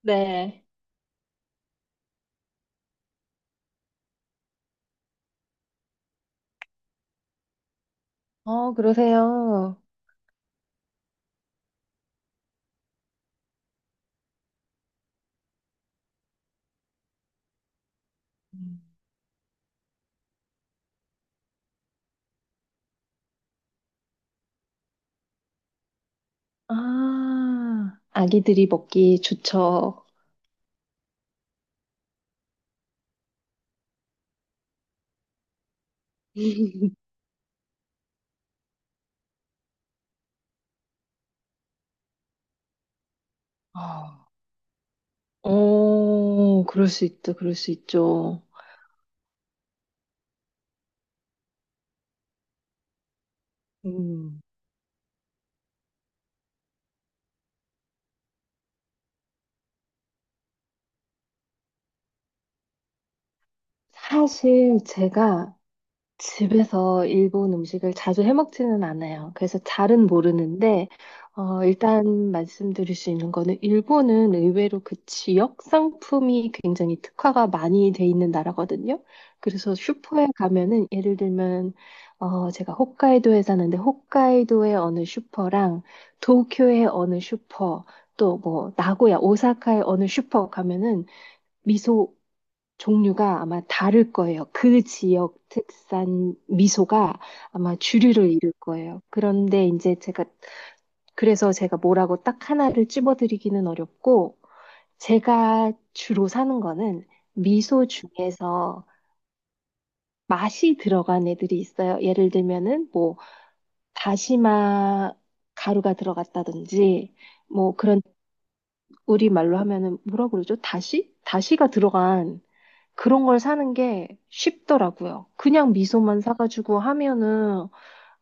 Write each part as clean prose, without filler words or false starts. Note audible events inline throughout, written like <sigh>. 네. 그러세요. 음. 아, 아기들이 먹기 좋죠. <laughs> 어 그럴 수 있죠. 그럴 수 있죠. 음, 사실 제가 집에서 일본 음식을 자주 해먹지는 않아요. 그래서 잘은 모르는데, 일단 말씀드릴 수 있는 거는 일본은 의외로 그 지역 상품이 굉장히 특화가 많이 돼 있는 나라거든요. 그래서 슈퍼에 가면은 예를 들면, 제가 홋카이도에 사는데 홋카이도의 어느 슈퍼랑 도쿄의 어느 슈퍼, 또 뭐 나고야, 오사카의 어느 슈퍼 가면은 미소 종류가 아마 다를 거예요. 그 지역 특산 미소가 아마 주류를 이룰 거예요. 그런데 이제 제가, 그래서 제가 뭐라고 딱 하나를 찝어드리기는 어렵고, 제가 주로 사는 거는 미소 중에서 맛이 들어간 애들이 있어요. 예를 들면은 뭐, 다시마 가루가 들어갔다든지, 뭐 그런, 우리말로 하면은 뭐라 그러죠? 다시? 다시가 들어간 그런 걸 사는 게 쉽더라고요. 그냥 미소만 사가지고 하면은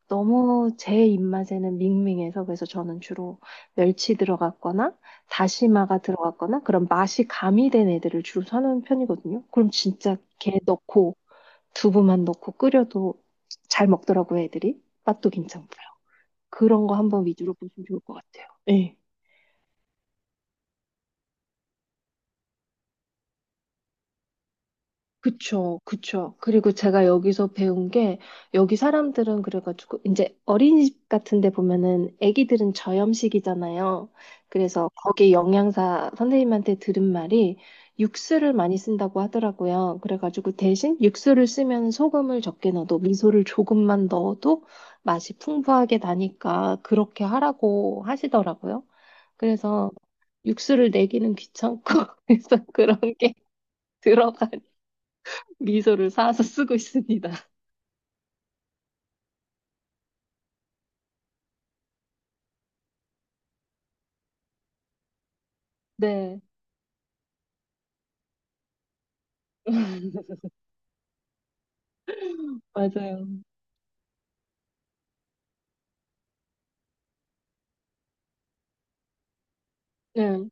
너무 제 입맛에는 밍밍해서 그래서 저는 주로 멸치 들어갔거나 다시마가 들어갔거나 그런 맛이 가미된 애들을 주로 사는 편이거든요. 그럼 진짜 게 넣고 두부만 넣고 끓여도 잘 먹더라고요, 애들이. 맛도 괜찮고요. 그런 거 한번 위주로 보시면 좋을 것 같아요. 네. 그쵸, 그쵸. 그리고 제가 여기서 배운 게, 여기 사람들은 그래가지고, 이제 어린이집 같은 데 보면은 애기들은 저염식이잖아요. 그래서 거기 영양사 선생님한테 들은 말이 육수를 많이 쓴다고 하더라고요. 그래가지고 대신 육수를 쓰면 소금을 적게 넣어도 미소를 조금만 넣어도 맛이 풍부하게 나니까 그렇게 하라고 하시더라고요. 그래서 육수를 내기는 귀찮고, <laughs> 그래서 그런 게 들어가. 미소를 사서 쓰고 있습니다. <laughs> 네, 맞아요. 네.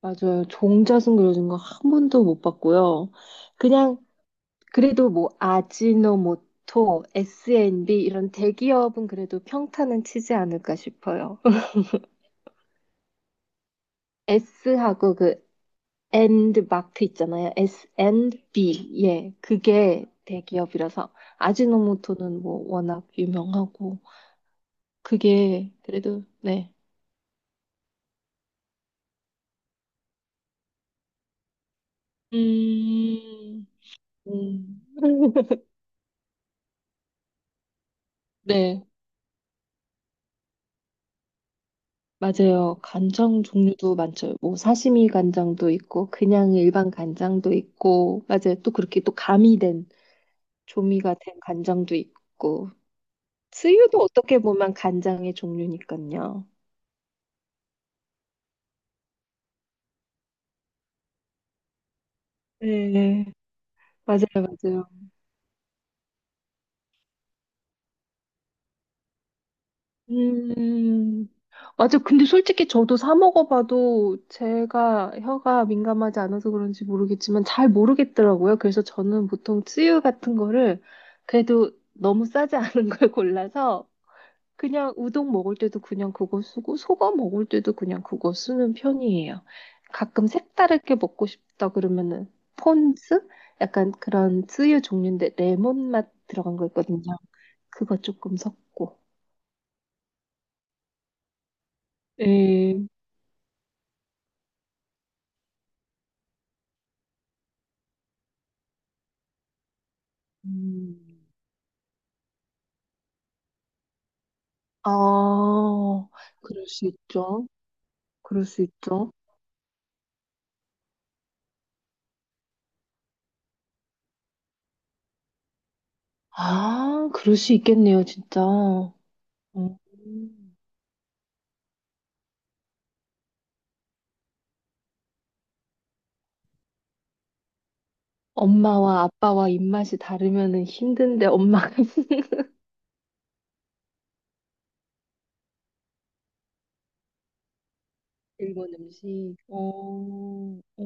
맞아요. 종자승 그려진 거 한 번도 못 봤고요. 그냥 그래도 뭐 아지노모토, S&B 이런 대기업은 그래도 평타는 치지 않을까 싶어요. <laughs> S하고 그 and 마크 있잖아요. S&B. 예. 그게 대기업이라서 아지노모토는 뭐 워낙 유명하고 그게 그래도 네. 음, 음. 네, 맞아요. 간장 종류도 많죠. 뭐 사시미 간장도 있고 그냥 일반 간장도 있고 맞아요. 또 그렇게 또 가미된 조미가 된 간장도 있고 스유도 어떻게 보면 간장의 종류니까요. 네, 맞아요, 맞아요. 음, 맞아. 근데 솔직히 저도 사 먹어봐도 제가 혀가 민감하지 않아서 그런지 모르겠지만 잘 모르겠더라고요. 그래서 저는 보통 쯔유 같은 거를 그래도 너무 싸지 <laughs> 않은 걸 골라서 그냥 우동 먹을 때도 그냥 그거 쓰고, 속어 먹을 때도 그냥 그거 쓰는 편이에요. 가끔 색다르게 먹고 싶다 그러면은 폰즈? 약간 그런 쯔유 종류인데 레몬 맛 들어간 거 있거든요. 그거 조금 섞고. 예. 음. 아, 그럴 수 있죠. 그럴 수 있죠. 아, 그럴 수 있겠네요, 진짜. 어. 음. 엄마와 아빠와 입맛이 다르면은 힘든데 엄마가 일본 음식. 어,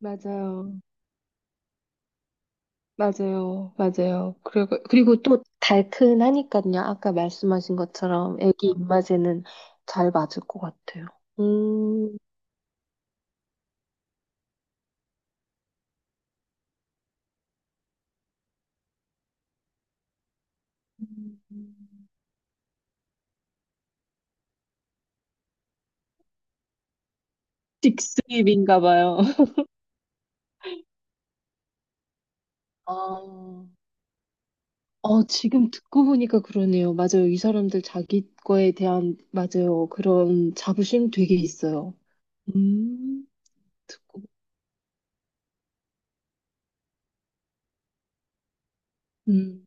맞아요. 맞아요. 맞아요. 그리고, 또 달큰하니까요. 아까 말씀하신 것처럼 애기 입맛에는 잘 맞을 것 같아요. 음, 직수입인가 봐요. <laughs> 아, 지금 듣고 보니까 그러네요. 맞아요. 이 사람들 자기 거에 대한, 맞아요. 그런 자부심 되게 있어요. 음, 듣고, 음,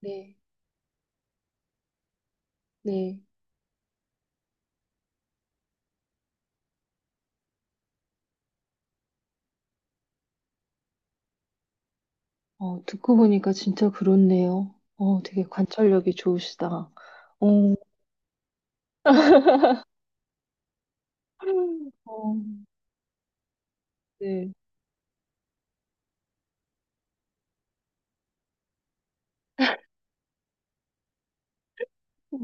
네, 네. 듣고 보니까 진짜 그렇네요. 되게 관찰력이 좋으시다. 어, 어, 네.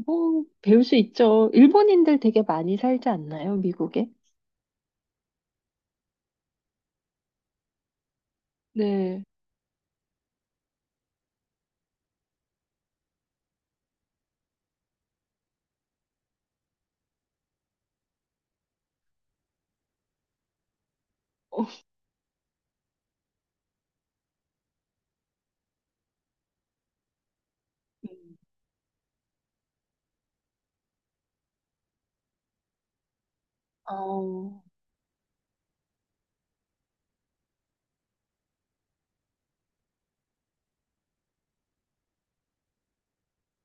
뭐, 배울 수 있죠. 일본인들 되게 많이 살지 않나요, 미국에? 네. 어, 음. 어,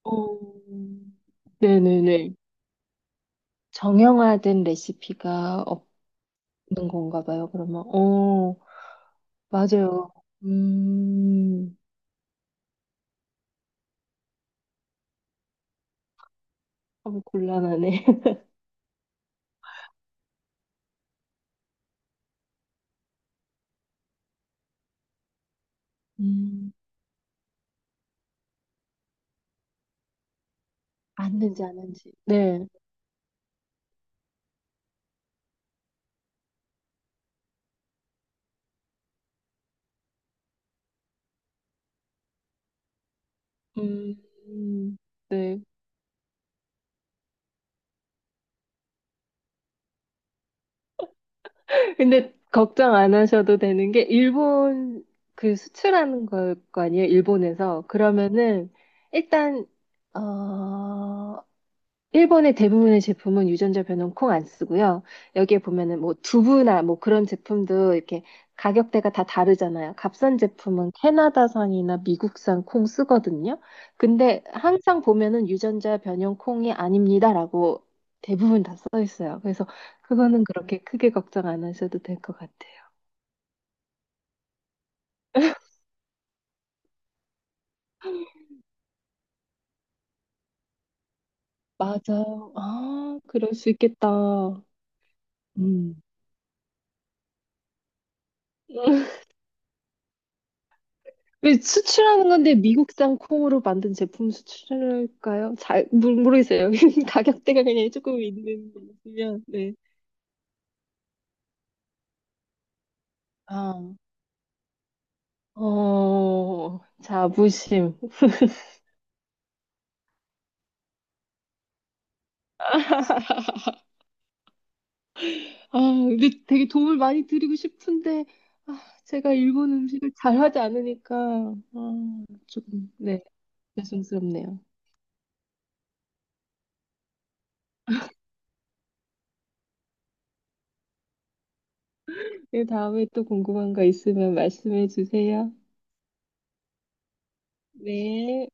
어, 네네네. 정형화된 레시피가 없는 건가 봐요, 그러면. 맞아요. 음, 곤란하네. <laughs> 음, 아는지 아는지. 네. 음, 네. 근데 걱정 안 하셔도 되는 게 일본 그 수출하는 걸 거 아니에요? 일본에서. 그러면은 일단 어 일본의 대부분의 제품은 유전자 변형 콩 안 쓰고요. 여기에 보면은 뭐 두부나 뭐 그런 제품도 이렇게 가격대가 다 다르잖아요. 값싼 제품은 캐나다산이나 미국산 콩 쓰거든요. 근데 항상 보면은 유전자 변형 콩이 아닙니다라고 대부분 다 써 있어요. 그래서 그거는 그렇게 크게 걱정 안 하셔도 될 것 같아요. 맞아요. 아, 그럴 수 있겠다. 음. <laughs> 왜 수출하는 건데 미국산 콩으로 만든 제품 수출할까요? 잘 모르, 모르겠어요. <laughs> 가격대가 그냥 조금 있는 거면 네. 아, 자부심. 아, 근데 되게 도움을 많이 드리고 싶은데 아, 제가 일본 음식을 잘하지 않으니까 조금 네, 죄송스럽네요. 네, 다음에 또 궁금한 거 있으면 말씀해 주세요. 네.